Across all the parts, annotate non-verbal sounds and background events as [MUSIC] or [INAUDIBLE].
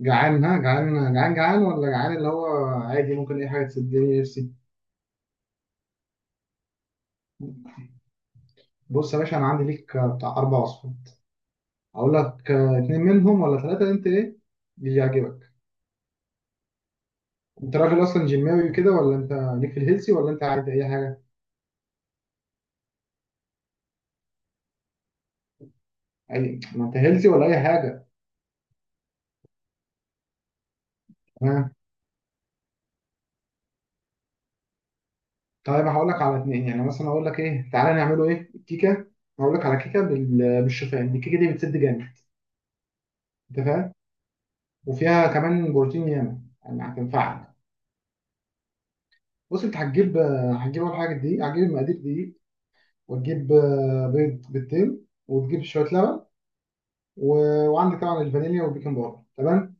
جعان؟ ها، جعان جعان جعان ولا جعان اللي هو عادي؟ ممكن اي حاجه تسدني نفسي. بص يا باشا، انا عندي ليك بتاع اربع وصفات. اقول لك اتنين منهم ولا ثلاثه؟ انت ايه اللي يعجبك؟ انت راجل اصلا جيماوي كده ولا انت ليك في الهيلسي ولا انت عادي اي حاجه؟ اي، ما انت هيلسي ولا اي حاجه. تمام. طيب هقول لك على اتنين، يعني مثلا اقول لك ايه، تعالى نعمله ايه الكيكه. هقول لك على كيكه بالشوفان. الكيكه دي بتسد جامد، انت فاهم، وفيها كمان بروتين ياما يعني هتنفعك. بص، انت هتجيب، اول حاجه دي هتجيب المقادير دي، وتجيب بيض، بيضتين، وتجيب شويه لبن و... وعندك طبعا الفانيليا والبيكنج باودر، تمام؟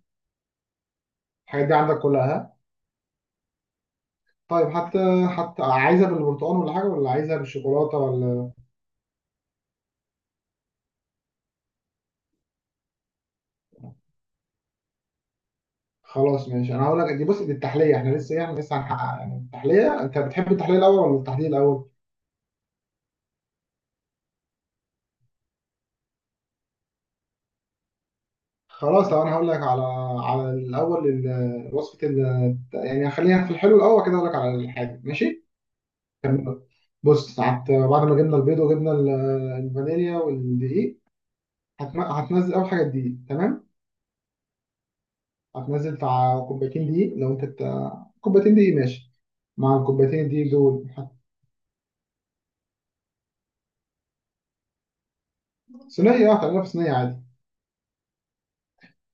الحاجات دي عندك كلها؟ طيب حتى عايزها بالبرتقال ولا حاجه، ولا عايزها بالشوكولاته ولا؟ خلاص ماشي، انا هقول لك دي. بص، دي التحليه، احنا لسه ايه، احنا لسه هنحقق يعني التحليه. انت بتحب التحليه الاول ولا التحليه الاول؟ خلاص، لو انا هقول لك على على الاول وصفه ال... يعني خلينا في الحلو الاول كده، اقول لك على الحاجه، ماشي؟ بص، بعد ما جبنا البيض وجبنا الفانيليا والدقيق، هتنزل اول حاجه الدقيق، تمام. هتنزل بتاع كوبايتين دقيق، لو انت بتاع كوبايتين دقيق، ماشي. مع الكوبايتين الدقيق دول صينيه، اه، هتعملها في صينيه عادي.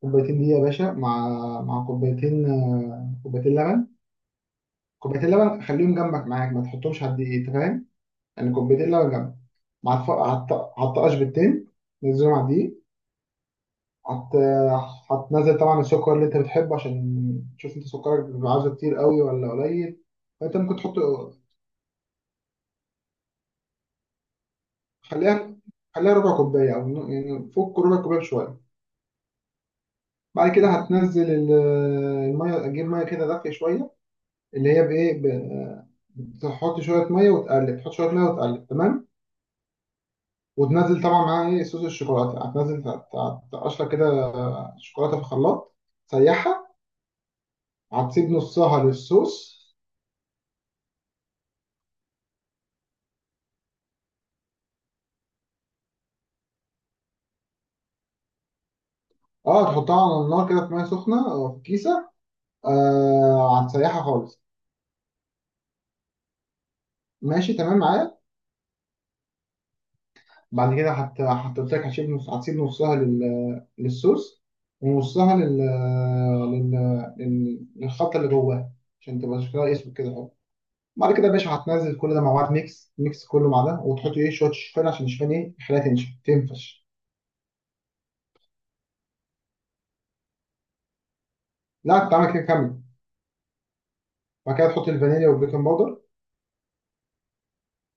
كوبايتين دقيق يا باشا، مع كوبايتين، كوبايتين لبن. كوبايتين لبن، خليهم جنبك معاك، ما تحطهمش على الدقيق، انت فاهم. يعني كوبايتين لبن جنبك، مع الف... على الط- على الطقاش بالتين. نزلهم على الدقيق. هت... هتنزل طبعا السكر اللي انت بتحبه، عشان تشوف انت سكرك بيبقى عاوزه كتير قوي ولا قليل، فانت ممكن تحط. خليها خليها ربع كوبايه، او يعني فوق ربع كوبايه بشويه. بعد كده هتنزل الميه، اجيب ميه كده دافيه شويه، اللي هي تحط شويه ميه وتقلب، تحط شويه ميه وتقلب، تمام. وتنزل طبعا معاها ايه، صوص الشوكولاته. هتنزل تقشر كده شوكولاته في الخلاط، تسيحها. هتسيب نصها للصوص. اه تحطها على النار كده في ميه سخنه أو في كيسه، آه، هتسيحها خالص. ماشي؟ تمام معايا؟ بعد كده قلت لك هتسيب نص، هتسيب نصها للصوص، ونصها لل... للخلطه اللي جواها، عشان تبقى شكلها اسود كده اهو. بعد كده يا باشا هتنزل كل ده مع بعض، ميكس ميكس كله مع ده، وتحط ايه، شويه شوفان عشان الشوفان ايه، يخليها تنشف تنفش. لا، هتتعمل كده كامل. بعد كده تحط الفانيليا والبيكنج باودر،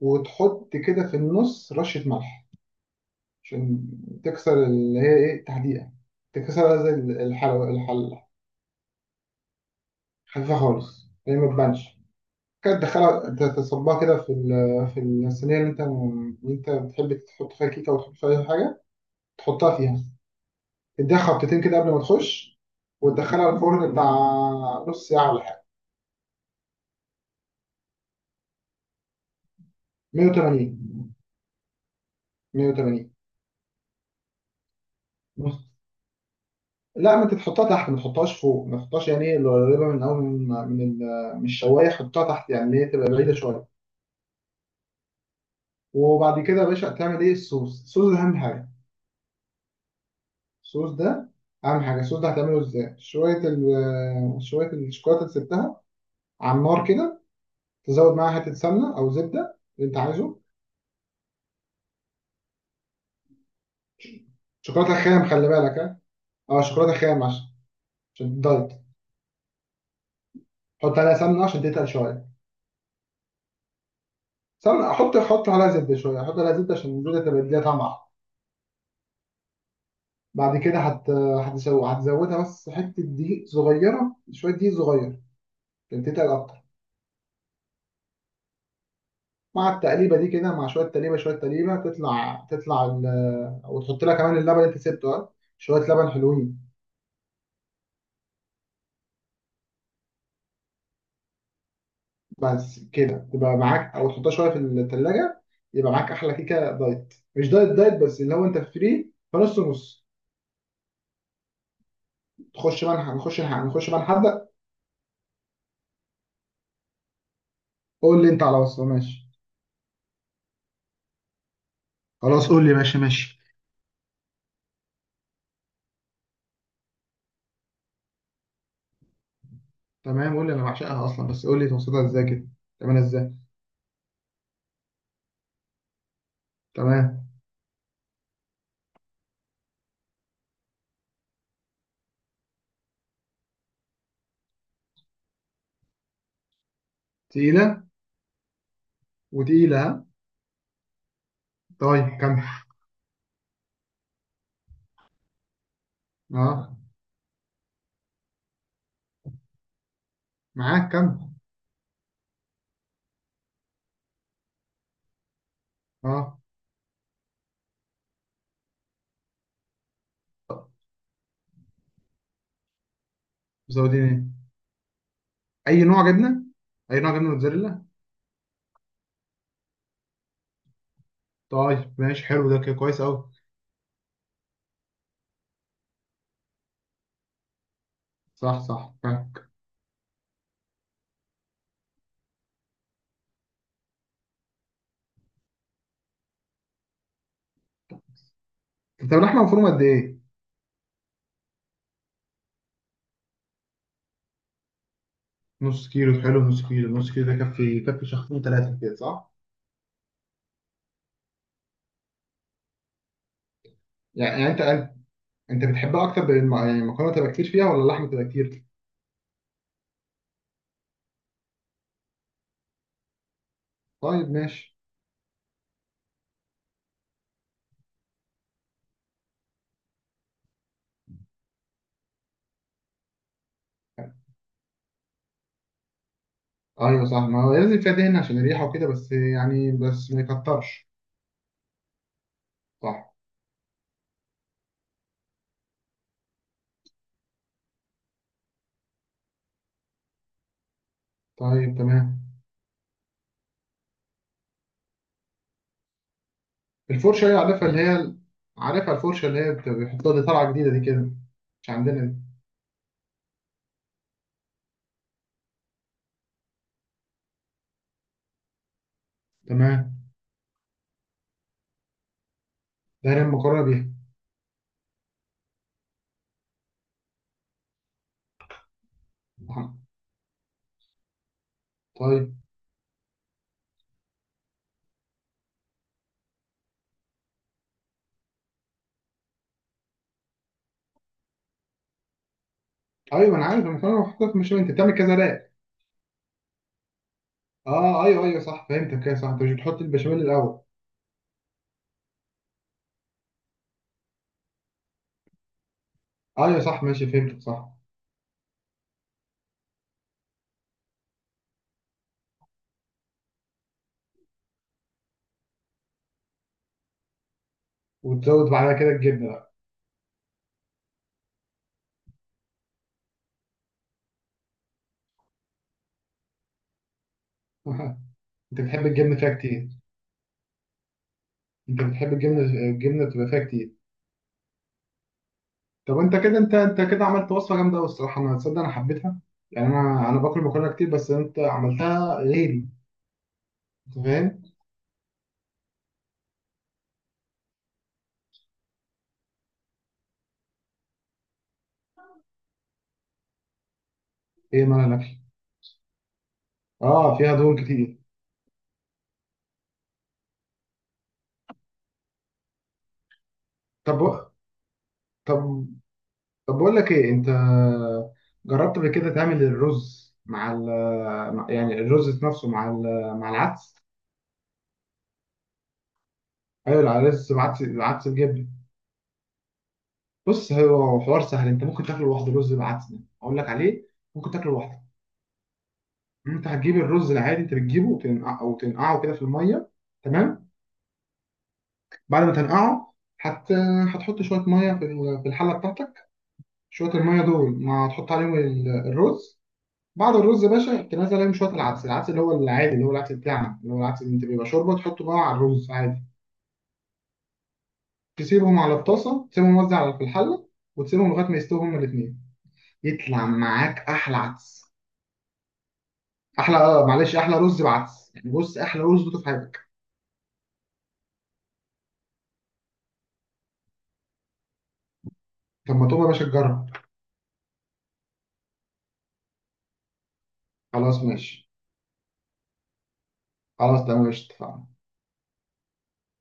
وتحط كده في النص رشه ملح، عشان تكسر اللي هي ايه، تحديقة، تكسرها زي الحلو الحل خفيفة خالص، اللي هي ما تبانش. كده تدخلها، تصبها كده في في الصينية اللي انت، اللي انت بتحب تحط فيها كيكة وتحط فيها أي حاجة. تحطها فيها، تديها خبطتين كده قبل ما تخش، وتدخلها الفرن بتاع نص ساعة ولا حاجة. 180. 180. بص، لا ما انت تحطها تحت، ما تحطهاش فوق، ما تحطهاش يعني ايه، القريبة من اول، من الشواية، حطها تحت، يعني اللي هي تبقى بعيدة شوية. وبعد كده يا باشا هتعمل ايه، الصوص. الصوص ده اهم حاجه. الصوص ده الصوص ده هتعمله ازاي؟ شويه ال آه، شويه الشوكولاته اللي سبتها على النار كده، تزود معاها حته سمنه او زبده اللي انت عايزه. شوكولاته خام، خلي بالك ها، اه شوكولاته خام، عشان الدايت. حط عليها سمنه عشان تتقل شويه. سمنه، حط عليها زبده شويه، حط عليها زبده عشان الزبده تبقى تديها طعم احلى. بعد كده هتزودها بس حته دقيق صغيره، شويه دقيق صغير، عشان تتقل اكتر. مع التقليبه دي كده، مع شويه تقليبه شويه تقليبه، تطلع تطلع ال... وتحط لها كمان اللبن اللي انت سبته، اه شويه لبن حلوين. بس كده تبقى معاك، او تحطها شويه في الثلاجه، يبقى معاك احلى كيكه دايت، مش دايت دايت، بس اللي هو انت فري، فنص نص. تخش بقى نخش بقى نحدق. قول لي انت على وصفه، ماشي؟ خلاص قول لي، ماشي ماشي. تمام قول لي، انا بعشقها اصلا، بس قول لي توصلها ازاي كده. تعملها ازاي؟ تمام. تقيله، وتقيله، ها؟ طيب كمل. اه. معاك كمل. اه. مزودين ايه؟ اي نوع جبنه؟ اي نوع جبنه؟ موتزاريلا. طيب ماشي، حلو، ده كده كويس قوي. صح صح، فاهم. طب اللحمه مفرومه قد ايه؟ نص كيلو، حلو. نص كيلو، نص كيلو ده كفي كفي شخصين ثلاثه كده صح؟ يعني انت أنت بتحبها اكتر يعني المكرونه تبقى كتير فيها ولا اللحمه تبقى كتير؟ طيب ماشي. ايوه صح، ما هو لازم فيها دهن عشان الريحه وكده، بس يعني بس ما يكترش. صح. طيب تمام. الفرشه، هي عارفها اللي هي، عارفها الفرشه اللي هي بيحطوها دي، طالعه جديده دي كده. مش عندنا دي. تمام. ده هي المكرونه. بيها. طيب. ايوه انا عارف، انا فاهم، حطيت بشاميل، انت بتعمل كذا، لا؟ اه ايوه ايوه صح، فهمتك كده صح. انت مش بتحط البشاميل الاول؟ ايوه صح، ماشي فهمتك صح. وتزود بعدها كده الجبنه بقى. [LAUGHS] انت بتحب الجبنه فيها كتير. انت بتحب الجبنه، الجبنه تبقى فيها كتير. طب انت كده، انت كده عملت وصفه جامده قوي الصراحه، انا تصدق انا حبيتها. يعني انا باكل مكرونه كتير، بس انت عملتها غيري، انت فاهم؟ ايه، ما انا الاكل. اه، فيها دهون كتير. طب طب طب بقول لك ايه، انت جربت قبل كده تعمل الرز مع ال يعني الرز نفسه مع العدس؟ ايوه، العدس بعدس، العدس بجبن. بص، هو حوار سهل، انت ممكن تاكله لوحده، رز بعدس ده اقول لك عليه، ممكن تاكله لوحده. انت هتجيب الرز العادي، انت بتجيبه وتنقع، وتنقعه كده في الميه، تمام. بعد ما تنقعه، هت هتحط شويه ميه في في الحله بتاعتك، شويه الميه دول ما هتحط عليهم الرز. بعد الرز يا باشا تنزل عليهم شويه العدس، العدس اللي هو العادي، اللي هو العدس بتاعنا، اللي هو العدس اللي انت بيبقى شوربه، تحطه بقى على الرز عادي. تسيبهم على الطاسه، تسيبهم موزع على في الحله، وتسيبهم لغايه ما يستووا هما الاثنين. يطلع معاك احلى عدس. احلى، اه معلش، احلى رز بعدس يعني. بص، احلى رز دوته في حياتك. طب ما تقوم يا باشا تجرب. خلاص ماشي. خلاص تمام ماشي، اتفقنا.